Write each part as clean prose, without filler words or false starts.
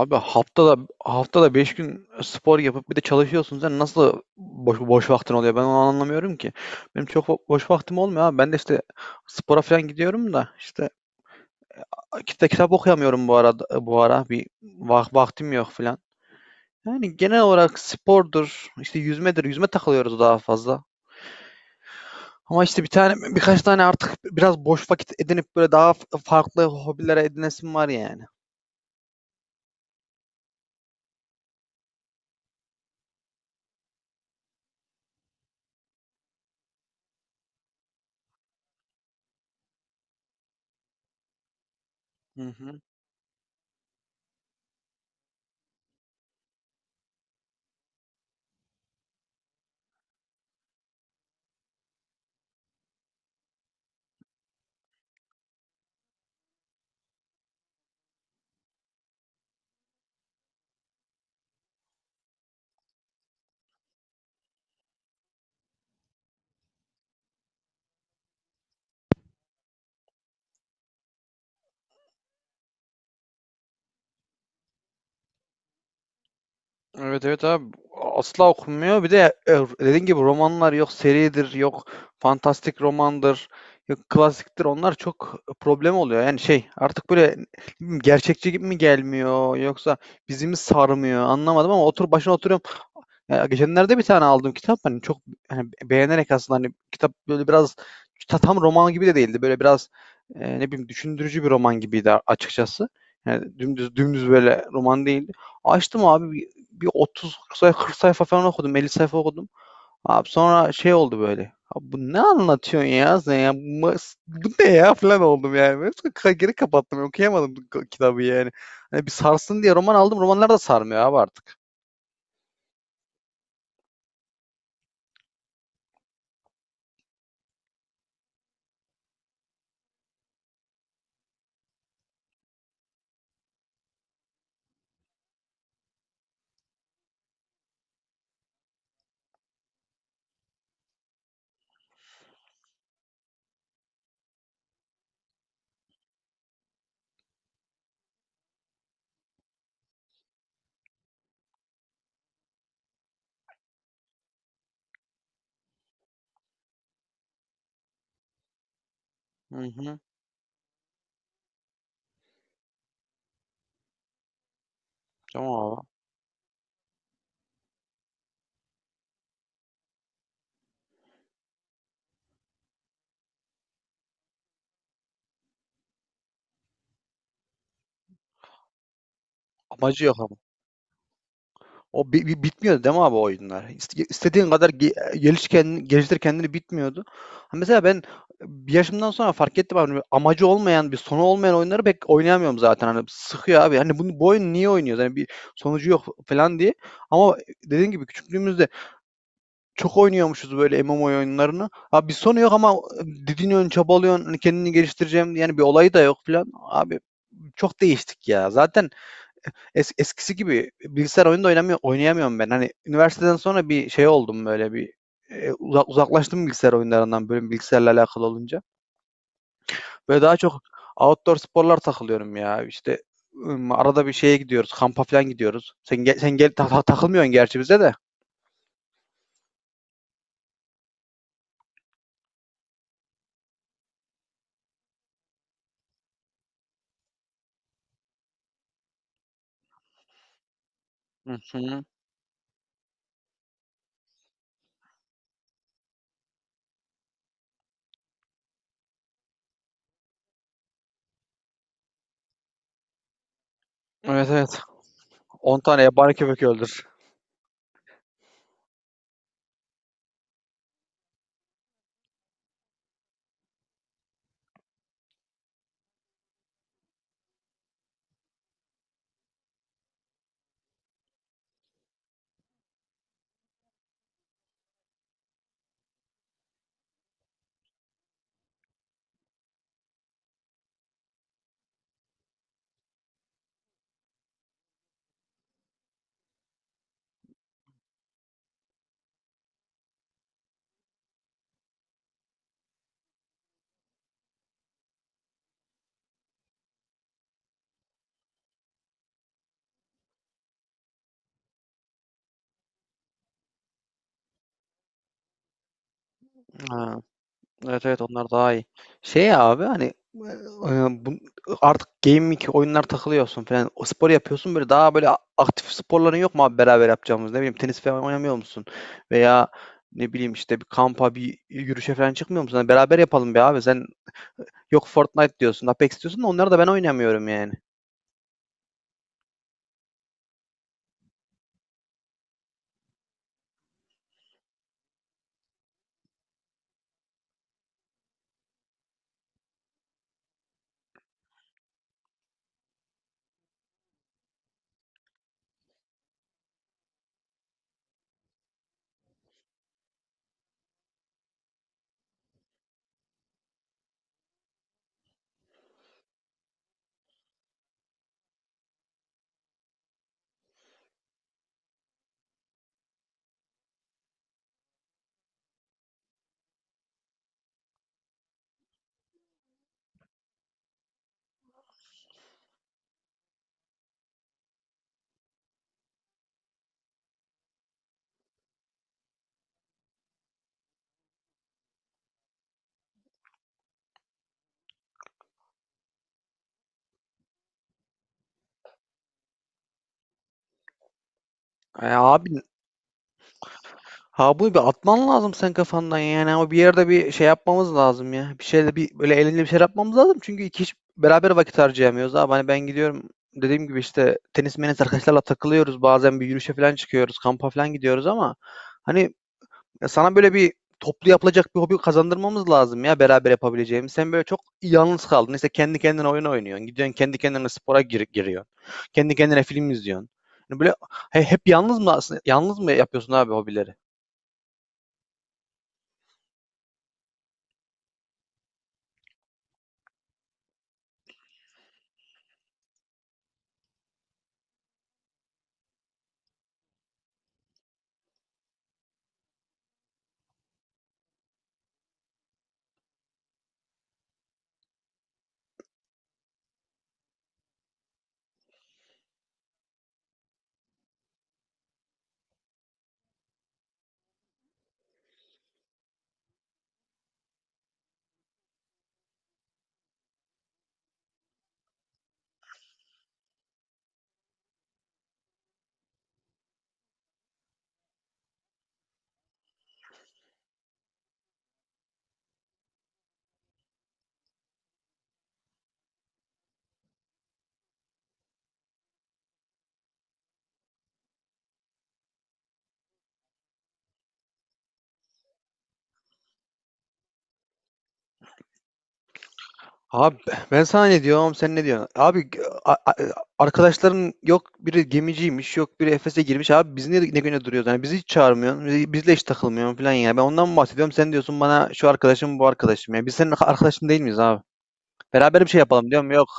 Abi haftada 5 gün spor yapıp bir de çalışıyorsun. Sen nasıl boş vaktin oluyor? Ben onu anlamıyorum ki. Benim çok boş vaktim olmuyor abi. Ben de işte spora falan gidiyorum da işte kitap okuyamıyorum, bu ara bir vaktim yok falan. Yani genel olarak spordur, işte yüzmedir. Yüzme takılıyoruz daha fazla. Ama işte birkaç tane artık biraz boş vakit edinip böyle daha farklı hobilere edinesim var yani. Hı hı. Evet, evet abi, asla okunmuyor. Bir de dediğin gibi romanlar yok, seridir yok, fantastik romandır yok, klasiktir, onlar çok problem oluyor. Yani şey artık böyle, ne bileyim, gerçekçi gibi mi gelmiyor yoksa bizi mi sarmıyor anlamadım ama otur başına oturuyorum. Ya geçenlerde bir tane aldım kitap, hani çok hani beğenerek aslında, hani kitap böyle biraz tam roman gibi de değildi. Böyle biraz ne bileyim, düşündürücü bir roman gibiydi açıkçası. Yani dümdüz dümdüz böyle roman değildi. Açtım abi bir 30 sayfa, 40 sayfa falan okudum. 50 sayfa okudum. Abi sonra şey oldu böyle. Abi, bu ne anlatıyorsun ya sen ya? Bu ne ya falan oldum yani. Böyle geri kapattım. Okuyamadım kitabı yani. Hani bir sarsın diye roman aldım. Romanlar da sarmıyor abi artık. Hı hı. Tamam abi. Amacı yok ama. O bitmiyordu değil mi abi o oyunlar? İstediğin kadar geliştir kendini, bitmiyordu. Ha, mesela ben bir yaşımdan sonra fark ettim abi. Amacı olmayan, bir sonu olmayan oyunları pek oynayamıyorum zaten. Hani sıkıyor abi. Hani bu oyun niye oynuyoruz? Hani bir sonucu yok falan diye. Ama dediğin gibi küçüklüğümüzde çok oynuyormuşuz böyle MMO oyunlarını. Abi bir sonu yok ama didiniyorsun, çabalıyorsun, hani kendini geliştireceğim, yani bir olayı da yok falan. Abi çok değiştik ya. Zaten eskisi gibi bilgisayar oyunu da oynayamıyorum ben. Hani üniversiteden sonra bir şey oldum, böyle bir uzaklaştım bilgisayar oyunlarından, böyle bilgisayarla alakalı olunca. Böyle daha çok outdoor sporlar takılıyorum ya. İşte arada bir şeye gidiyoruz, kampa falan gidiyoruz. Sen gel, sen gel, takılmıyorsun gerçi bize de. Hı hı. Evet, evet. 10 tane yabani köpek öldür. Ha, evet, evet, onlar daha iyi. Şey ya abi, hani e, bu, artık gaming oyunlar takılıyorsun falan. O spor yapıyorsun böyle, daha böyle aktif sporların yok mu abi beraber yapacağımız? Ne bileyim, tenis falan oynamıyor musun? Veya ne bileyim, işte bir kampa, bir yürüyüşe falan çıkmıyor musun? Hani beraber yapalım be abi. Sen yok Fortnite diyorsun, Apex diyorsun da onları da ben oynamıyorum yani. Ay abi, ha, bunu bir atman lazım sen kafandan. Yani o, bir yerde bir şey yapmamız lazım ya. Bir şeyle, bir böyle eğlenceli bir şey yapmamız lazım. Çünkü iki kişi beraber vakit harcayamıyoruz abi. Hani ben gidiyorum dediğim gibi, işte tenis menis arkadaşlarla takılıyoruz. Bazen bir yürüyüşe falan çıkıyoruz. Kampa falan gidiyoruz ama hani, ya sana böyle bir toplu yapılacak bir hobi kazandırmamız lazım ya, beraber yapabileceğimiz. Sen böyle çok yalnız kaldın. İşte kendi kendine oyun oynuyorsun. Gidiyorsun kendi kendine spora giriyorsun. Kendi kendine film izliyorsun. Yani böyle hep yalnız mı yapıyorsun abi hobileri? Abi ben sana ne diyorum, sen ne diyorsun? Abi, a- a- arkadaşların yok biri gemiciymiş, yok biri Efes'e girmiş, abi biz niye ne güne duruyoruz? Yani bizi hiç çağırmıyorsun, bizle hiç takılmıyorsun falan ya. Ben ondan mı bahsediyorum, sen diyorsun bana şu arkadaşım, bu arkadaşım ya. Biz senin arkadaşın değil miyiz abi? Beraber bir şey yapalım diyorum, yok.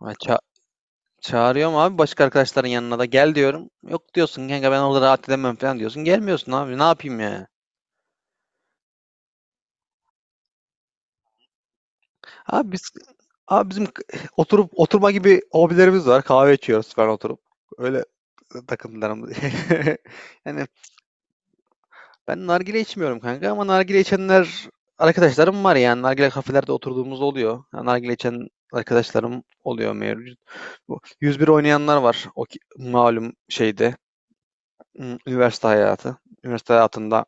Ha, çağırıyorum abi, başka arkadaşların yanına da gel diyorum. Yok diyorsun kanka, ben orada rahat edemem falan diyorsun. Gelmiyorsun abi, ne yapayım ya? Abi biz abi bizim oturup oturma gibi hobilerimiz var. Kahve içiyoruz falan oturup. Öyle takımlarım. Yani ben nargile içmiyorum kanka ama nargile içenler arkadaşlarım var yani. Nargile kafelerde oturduğumuz oluyor. Yani nargile içen arkadaşlarım oluyor mevcut. Bu 101 oynayanlar var. O malum şeyde üniversite hayatı. Üniversite hayatında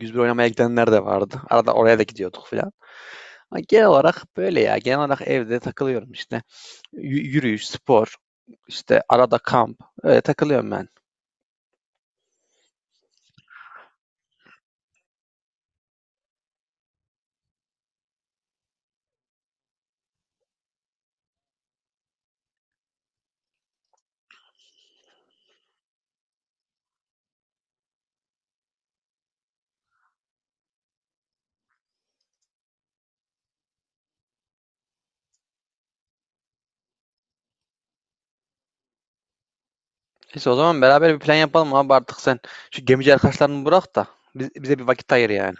101 oynamaya gidenler de vardı. Arada oraya da gidiyorduk falan. Ama genel olarak böyle ya. Genel olarak evde takılıyorum işte. Yürüyüş, spor, işte arada kamp. Öyle takılıyorum ben. İşte o zaman beraber bir plan yapalım abi artık sen. Şu gemici arkadaşlarını bırak da bize bir vakit ayır yani.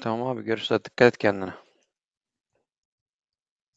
Tamam abi, görüşürüz. Dikkat et kendine.